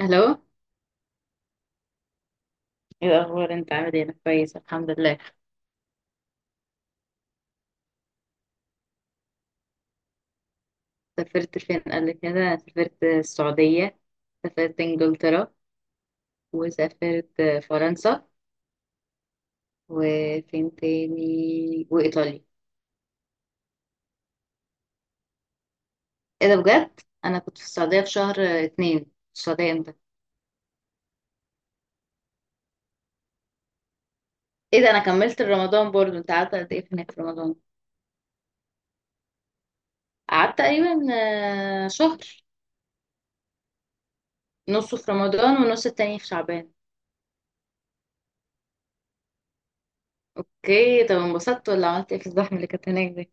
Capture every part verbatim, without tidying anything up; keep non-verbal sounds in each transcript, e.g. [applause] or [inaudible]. الو، ايه الاخبار؟ انت عامل ايه؟ انا كويس الحمد لله. سافرت فين قبل كده؟ أنا سافرت السعوديه، سافرت انجلترا، وسافرت فرنسا، وفين تاني؟ وايطاليا. ايه ده بجد؟ انا كنت في السعوديه في شهر اتنين. في السعوديه امتى؟ ايه ده، انا كملت رمضان برضو. انت قعدت قد ايه هناك في رمضان؟ قعدت تقريبا آه، شهر، نصه في رمضان ونص التاني في شعبان. اوكي، طب انبسطت ولا عملت ايه في الزحمه اللي كانت هناك دي؟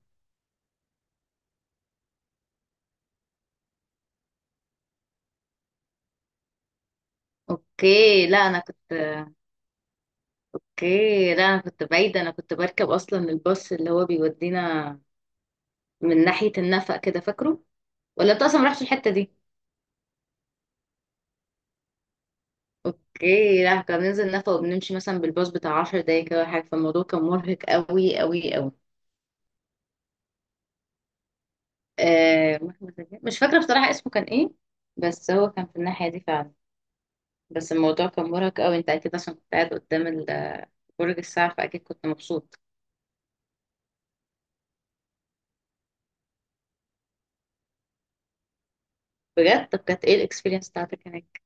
اوكي، لا انا كنت، اوكي لا انا كنت بعيدة، انا كنت بركب اصلا الباص اللي هو بيودينا من ناحية النفق كده، فاكره ولا انت اصلا ما رحتش الحتة دي؟ اوكي، لا كنا بننزل نفق وبنمشي مثلا بالباص بتاع عشر دقايق كده ولا حاجة، فالموضوع كان مرهق قوي قوي قوي. آه محمد رجب- مش فاكرة بصراحة اسمه كان ايه، بس هو كان في الناحية دي فعلا. بس الموضوع كان مرهق قوي، انت اكيد عشان كنت قاعد قدام ال- برج الساعة، فاكيد كنت مبسوط. بجد؟ طب كانت ايه الاكسبيرينس بتاعتك هناك؟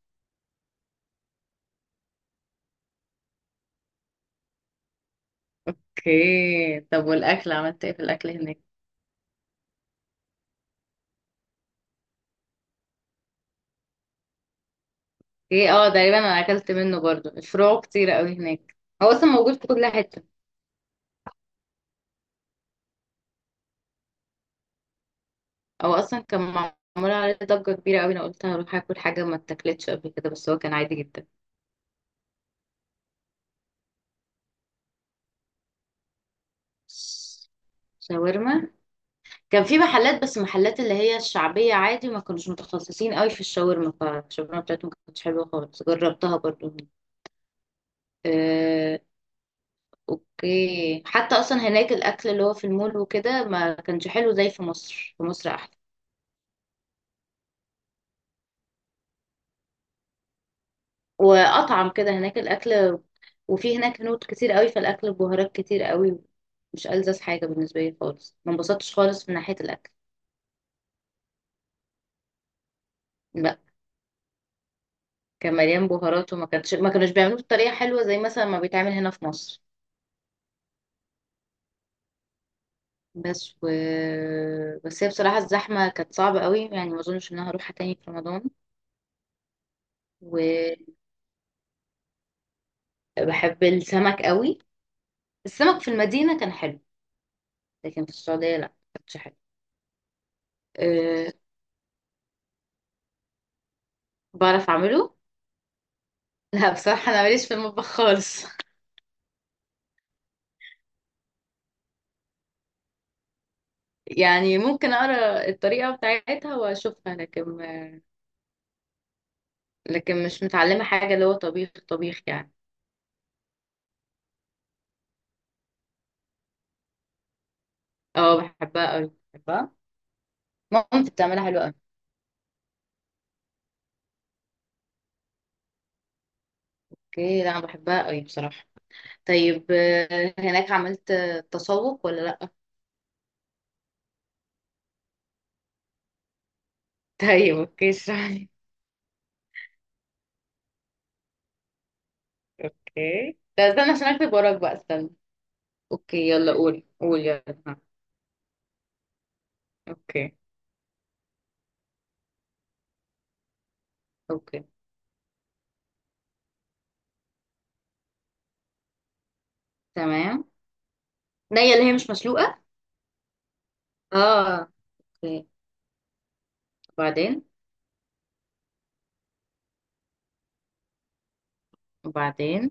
اوكي، طب والاكل، عملت ايه في الاكل هناك؟ ايه، اه تقريبا انا اكلت منه برضو، الفروع كتير قوي هناك، هو اصلا موجود في كل حته. هو اصلا كان معمول عليه ضجه كبيره قوي، انا قلت هروح اكل حاجه ما اتاكلتش قبل كده، بس هو كان عادي جدا. شاورما؟ كان في محلات، بس محلات اللي هي الشعبيه عادي، ما كانوش متخصصين قوي في الشاورما، فالشاورما بتاعتهم ما كانتش حلوه خالص، جربتها برضو. آه، اوكي. حتى اصلا هناك الاكل اللي هو في المول وكده ما كانش حلو زي في مصر، في مصر احلى واطعم كده هناك الاكل. وفي هناك هنود كتير قوي، فالاكل ببهارات كتير قوي، مش ألذذ حاجه بالنسبه لي خالص، ما انبسطتش خالص من ناحيه الاكل. لا، كان مليان بهارات، وما كانش ما كانوش بيعملوه بطريقه حلوه زي مثلا ما بيتعمل هنا في مصر. بس و... بس هي بصراحه الزحمه كانت صعبه قوي يعني، ما اظنش ان انا هروحها تاني في رمضان. وبحب السمك قوي، السمك في المدينه كان حلو، لكن في السعوديه لا، ما كانش حلو. أه... بعرف اعمله. لا بصراحه انا ماليش في المطبخ خالص. يعني ممكن اقرا الطريقه بتاعتها واشوفها، لكن لكن مش متعلمه حاجه اللي هو طبيخ طبيخ يعني. اه بحبها قوي، بحبها، مامتي بتعملها حلوه قوي. اوكي، لا انا بحبها قوي بصراحه. طيب، آه، هناك عملت تسوق ولا لا؟ [laughs] طيب اوكي، اشرح لي. اوكي، طب استنى عشان اكتب وراك بقى، استنى. اوكي، يلا قول، قول يلا، ها. اوكي. اوكي. تمام. نية اللي هي مش مسلوقه. اه. اوكي. وبعدين؟ وبعدين؟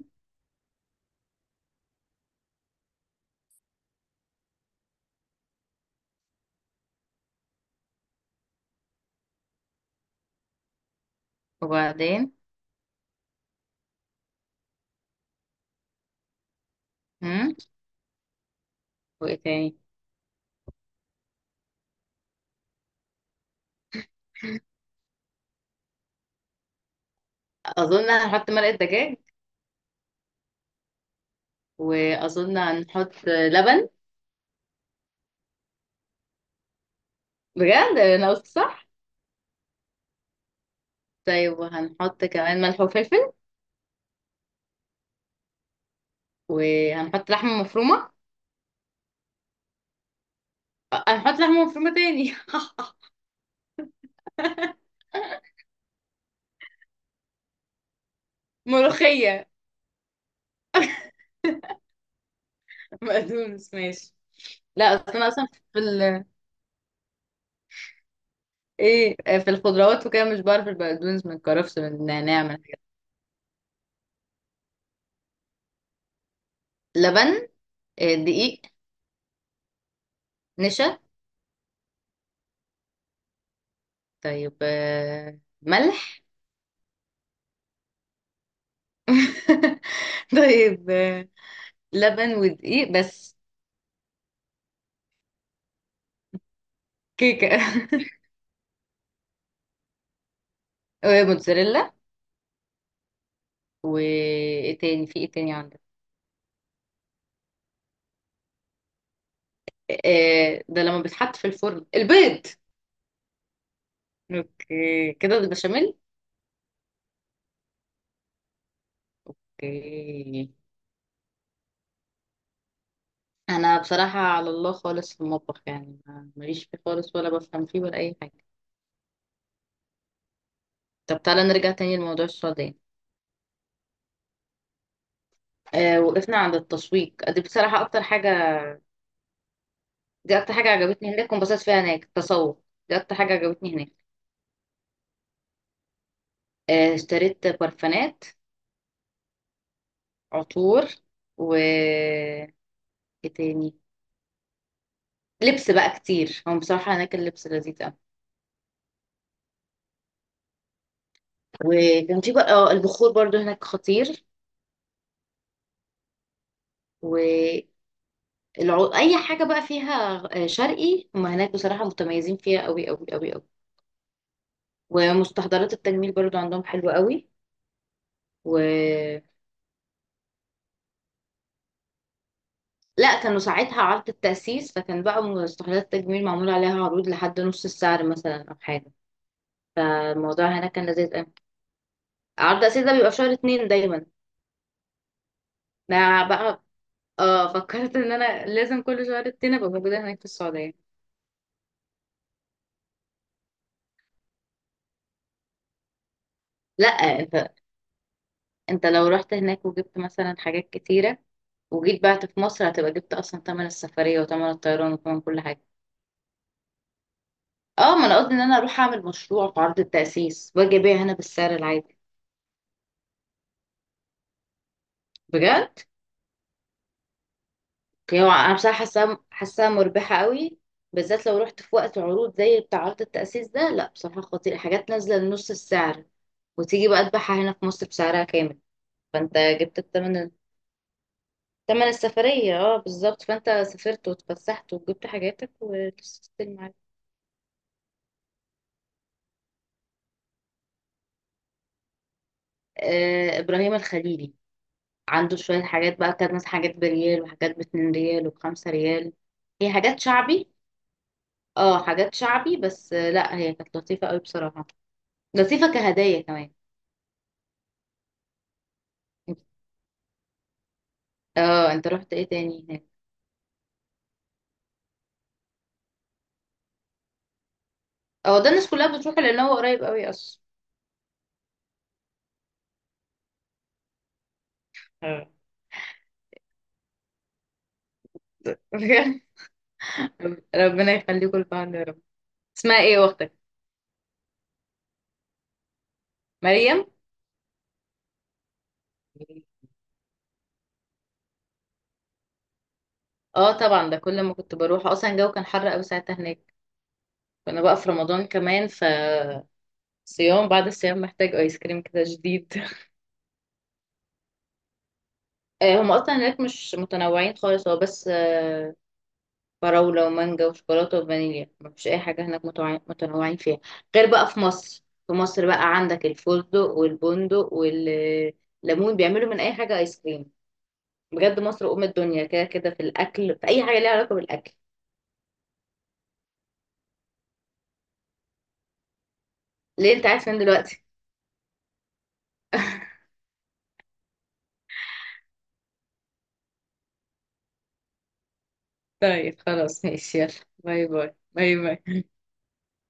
وبعدين؟ هم، وايه تاني؟ اظن هنحط مرقة دجاج، واظن هنحط لبن. بجد انا قلت صح؟ طيب وهنحط كمان ملح وفلفل، وهنحط لحمة مفرومة. أه، هنحط لحمة مفرومة تاني؟ [laughs] ملوخية؟ بقدونس، ماشي. لا اصل انا اصلا في ال... ايه، في الخضروات وكده مش بعرف البقدونس من الكرفس من النعناع من الحاجات. لبن، آه، دقيق، نشا. طيب آه، ملح. [laughs] طيب، آه، لبن ودقيق بس. كيكة. [laughs] وموتزاريلا. وايه تاني؟ في ايه تاني عندك؟ آه ده لما بيتحط في الفرن، البيض. اوكي كده البشاميل. اوكي، انا بصراحة على الله خالص في المطبخ يعني، ما- ماليش فيه خالص، ولا بفهم فيه ولا اي حاجة. طب تعالى نرجع تاني لموضوع السعودية. آه وقفنا عند التسويق دي، بصراحة اكتر حاجة، دي اكتر حاجة عجبتني هناك وانبسطت فيها هناك، التسوق دي اكتر حاجة عجبتني هناك. آه اشتريت برفانات. عطور، و ايه تاني؟ لبس بقى كتير، هم بصراحة هناك اللبس لذيذ أوي. وكان في بقى آه، البخور برضو هناك خطير. والعو... أي حاجة بقى فيها آه، شرقي، هم هناك بصراحة متميزين فيها أوي أوي أوي أوي. ومستحضرات التجميل برضو عندهم حلوة أوي. و لا كانوا ساعتها عرض التأسيس، فكان بقى مستحضرات التجميل معمول عليها عروض لحد نص السعر مثلا أو حاجة، فالموضوع هناك كان لذيذ أوي. عرض التأسيس ده بيبقى في شهر اتنين دايما. ده بقى، اه فكرت ان انا لازم كل شهر اتنين ابقى موجودة هناك في السعودية. لا انت، انت لو رحت هناك وجبت مثلا حاجات كتيرة وجيت بعت في مصر، هتبقى جبت اصلا تمن السفرية وتمن الطيران وتمن كل حاجة. اه، ما انا قصدي ان انا اروح اعمل مشروع في عرض التأسيس واجي ابيع هنا بالسعر العادي. بجد؟ يعني هو انا بصراحة حاساها، حاساها مربحة قوي. بالذات لو رحت في وقت عروض زي بتاع عرض التأسيس ده، لا بصراحة خطير، حاجات نازلة لنص السعر وتيجي بقى تبيعها هنا في مصر بسعرها كامل، فانت جبت التمن، تمن السفرية. اه بالظبط، فانت سافرت واتفسحت وجبت حاجاتك وتستلم. آه، ابراهيم الخليلي، عنده شويه حاجات بقى كانت مثلا حاجات بريال وحاجات باتنين ريال وبخمسة ريال. هي حاجات شعبي، اه حاجات شعبي بس، آه، لا هي كانت لطيفه قوي بصراحه، لطيفه كهدايا كمان. اه انت رحت ايه تاني هناك؟ اه ده الناس كلها بتروح لان هو قريب قوي اصلا. آه. [laughs] ربنا يخليكم لبعض يا رب. اسمها ايه واختك؟ مريم. اه طبعا، ده كل ما كنت بروح اصلا الجو كان حر قوي ساعتها هناك، كنا بقى في رمضان كمان، ف صيام بعد الصيام محتاج ايس كريم كده جديد. [laughs] آه، هم اصلا هناك مش متنوعين خالص، هو بس آه، فراولة ومانجا وشوكولاتة وفانيليا، مفيش اي حاجة هناك متوع- متنوعين فيها، غير بقى في مصر، في مصر بقى عندك الفستق والبندق والليمون، بيعملوا من اي حاجة ايس كريم. بجد مصر ام الدنيا كده كده في الاكل، في اي حاجة ليها علاقة بالاكل. ليه انت عارف فين دلوقتي؟ [laughs] طيب خلاص ماشي يلا. باي باي، باي باي.